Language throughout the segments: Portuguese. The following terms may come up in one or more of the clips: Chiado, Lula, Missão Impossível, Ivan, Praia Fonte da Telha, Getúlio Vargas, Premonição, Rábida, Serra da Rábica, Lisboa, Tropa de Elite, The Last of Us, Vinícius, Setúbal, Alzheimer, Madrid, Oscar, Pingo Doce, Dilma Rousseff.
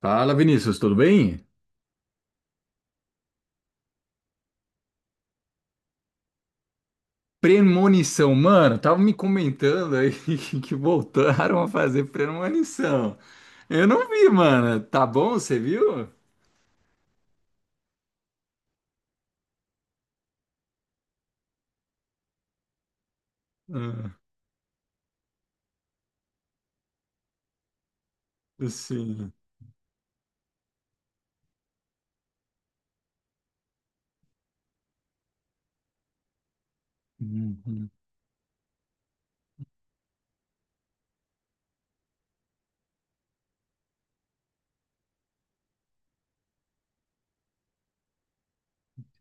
Fala, Vinícius, tudo bem? Premonição, mano, tava me comentando aí que voltaram a fazer premonição. Eu não vi, mano. Tá bom, você viu? Ah, sim. Uhum,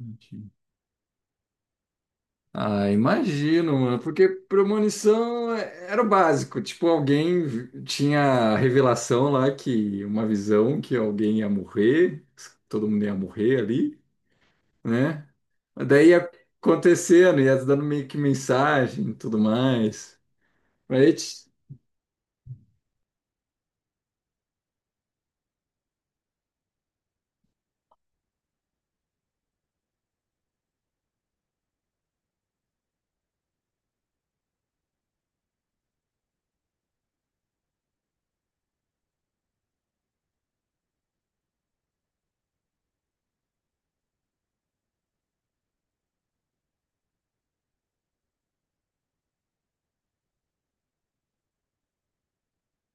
entendi. Ah, imagino, mano, porque premonição era o básico. Tipo, alguém tinha a revelação lá que uma visão que alguém ia morrer, todo mundo ia morrer ali, né? Daí ia acontecendo, ia dando meio que mensagem e tudo mais. Aí,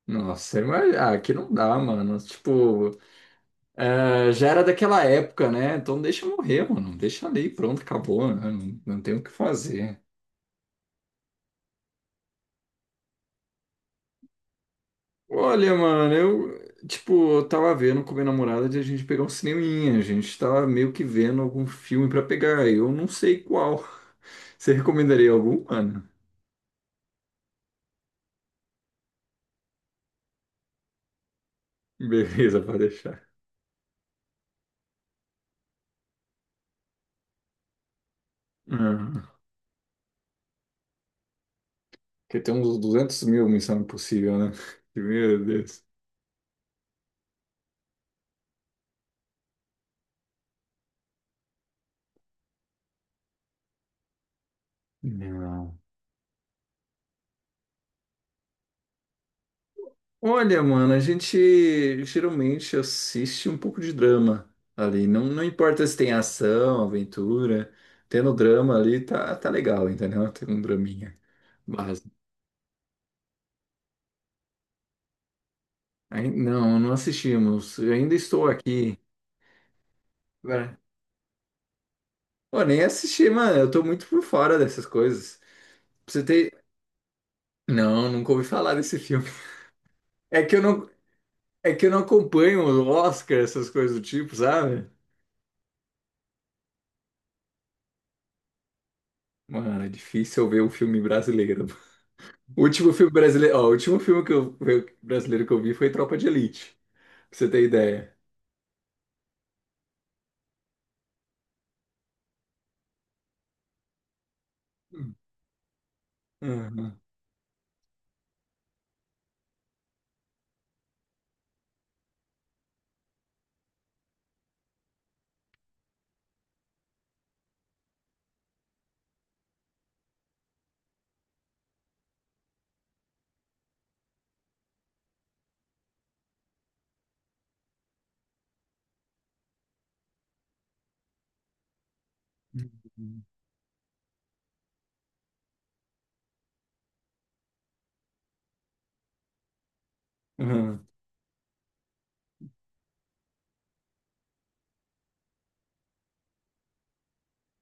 nossa, mas, ah, aqui não dá, mano. Tipo, é, já era daquela época, né? Então deixa eu morrer, mano. Deixa ali, pronto, acabou, né? Não, não tem o que fazer. Olha, mano, eu, tipo, eu tava vendo com minha namorada de a gente pegar um cineminha. A gente tava meio que vendo algum filme pra pegar. Eu não sei qual. Você recomendaria algum, mano? Beleza, pode deixar. Uhum. Que tem uns 200.000 Missão Impossível, né? Meu Deus. Não. Olha, mano, a gente geralmente assiste um pouco de drama ali. Não, não importa se tem ação, aventura. Tendo drama ali, tá, tá legal, entendeu? Tem um draminha básico. Aí, não, não assistimos. Eu ainda estou aqui. Né? Pô, nem assisti, mano. Eu tô muito por fora dessas coisas. Pra você ter. Não, nunca ouvi falar desse filme. É que eu não, é que eu não acompanho o Oscar, essas coisas do tipo, sabe? Mano, é difícil eu ver um filme brasileiro. O último filme brasileiro, ó, o último filme que eu, brasileiro que eu vi foi Tropa de Elite, pra você ter ideia. Uhum. Uhum.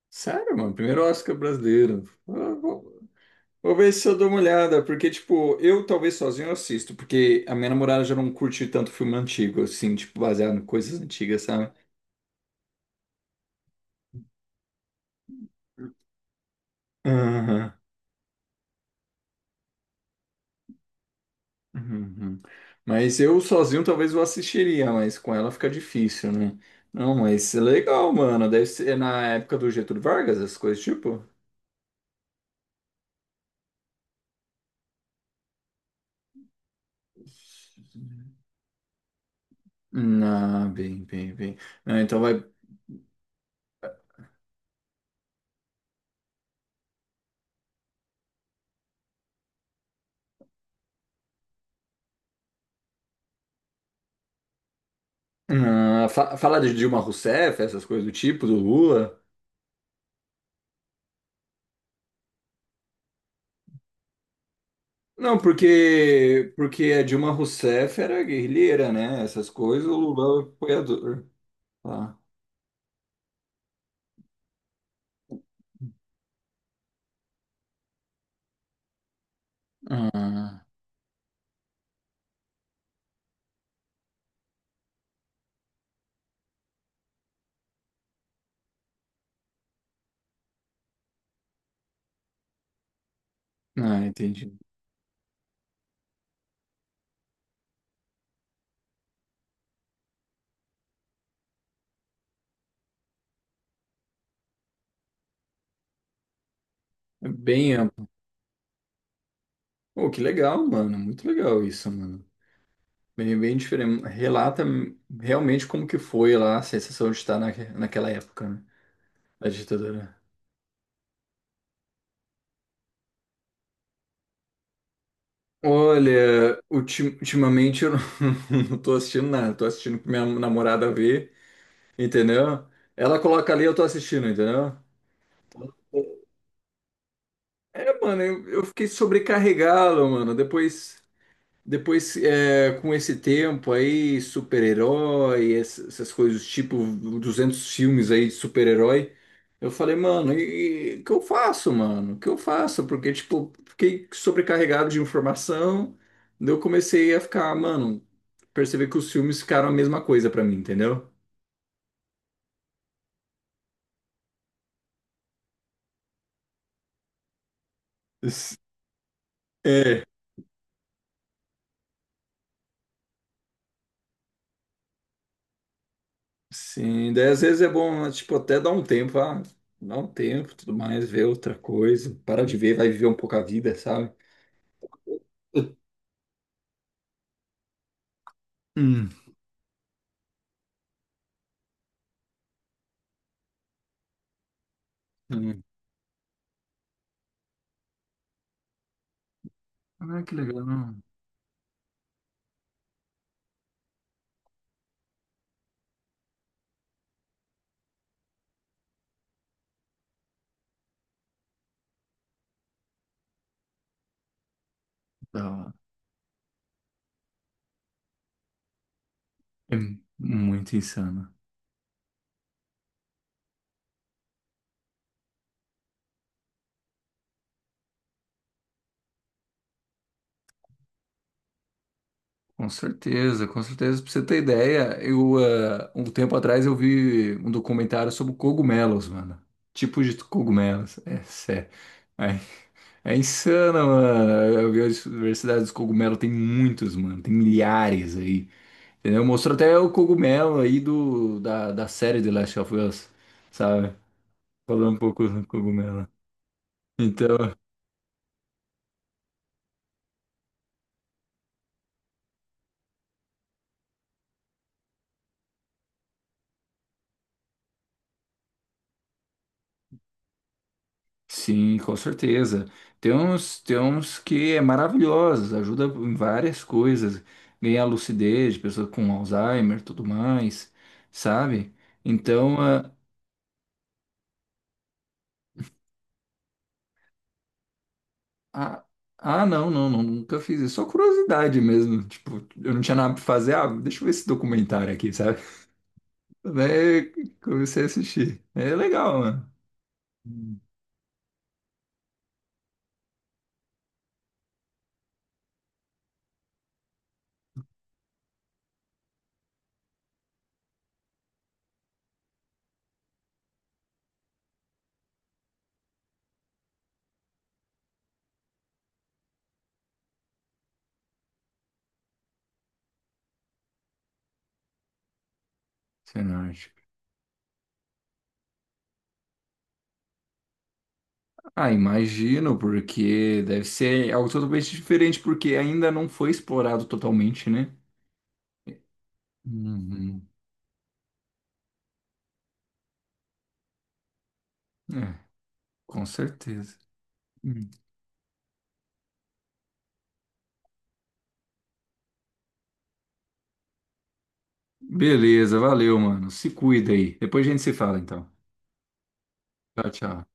Sério, mano, primeiro Oscar brasileiro. Eu vou ver se eu dou uma olhada, porque, tipo, eu talvez sozinho eu assisto, porque a minha namorada já não curte tanto filme antigo, assim, tipo, baseado em coisas antigas, sabe? Uhum. Uhum. Mas eu sozinho talvez eu assistiria, mas com ela fica difícil, né? Não, mas é legal, mano. Deve ser na época do Getúlio Vargas, essas coisas tipo. Ah, bem, bem, bem. Ah, então vai. Ah, fala de Dilma Rousseff, essas coisas do tipo, do Lula. Não, porque a Dilma Rousseff era guerrilheira, né? Essas coisas, o Lula é apoiador. Tá. Ah, ah, entendi. É bem amplo. Pô, que legal, mano. Muito legal isso, mano. Bem, bem diferente. Relata realmente como que foi lá a sensação de estar naquela época, né? Da ditadura. Olha, ultimamente eu não, não tô assistindo nada, tô assistindo pra minha namorada ver, entendeu? Ela coloca ali, eu tô assistindo, entendeu? É, mano, eu fiquei sobrecarregado, mano. Depois. Depois, é, com esse tempo aí, super-herói, essas coisas, tipo 200 filmes aí de super-herói, eu falei, mano, e o que eu faço, mano? O que eu faço? Porque, tipo, fiquei sobrecarregado de informação, daí eu comecei a ficar, mano, perceber que os filmes ficaram a mesma coisa pra mim, entendeu? S- É. Sim, daí às vezes é bom, né, tipo, até dar um tempo, tudo mais, ver outra coisa, parar de ver, vai viver um pouco a vida, sabe? Hum. Ah, que legal. Da hora. É muito insano. Com certeza, com certeza. Pra você ter ideia, um tempo atrás eu vi um documentário sobre cogumelos, mano. Tipos de cogumelos. É sério. É, é insano, mano. Eu vi a diversidade dos cogumelos. Tem muitos, mano. Tem milhares aí. Entendeu? Mostrou até o cogumelo aí da série The Last of Us, sabe? Falando um pouco do cogumelo. Então. Sim, com certeza. Tem uns que é maravilhoso, ajuda em várias coisas, ganhar lucidez, pessoa com Alzheimer, tudo mais, sabe? Então, ah, não, não, não, nunca fiz isso, só curiosidade mesmo, tipo, eu não tinha nada pra fazer, ah, deixa eu ver esse documentário aqui, sabe? Daí comecei a assistir, é legal, mano. Hum, Cenárgica. Ah, imagino, porque deve ser algo totalmente diferente, porque ainda não foi explorado totalmente, né? Uhum. É, com certeza. Hum. Beleza, valeu, mano. Se cuida aí. Depois a gente se fala, então. Tchau, tchau.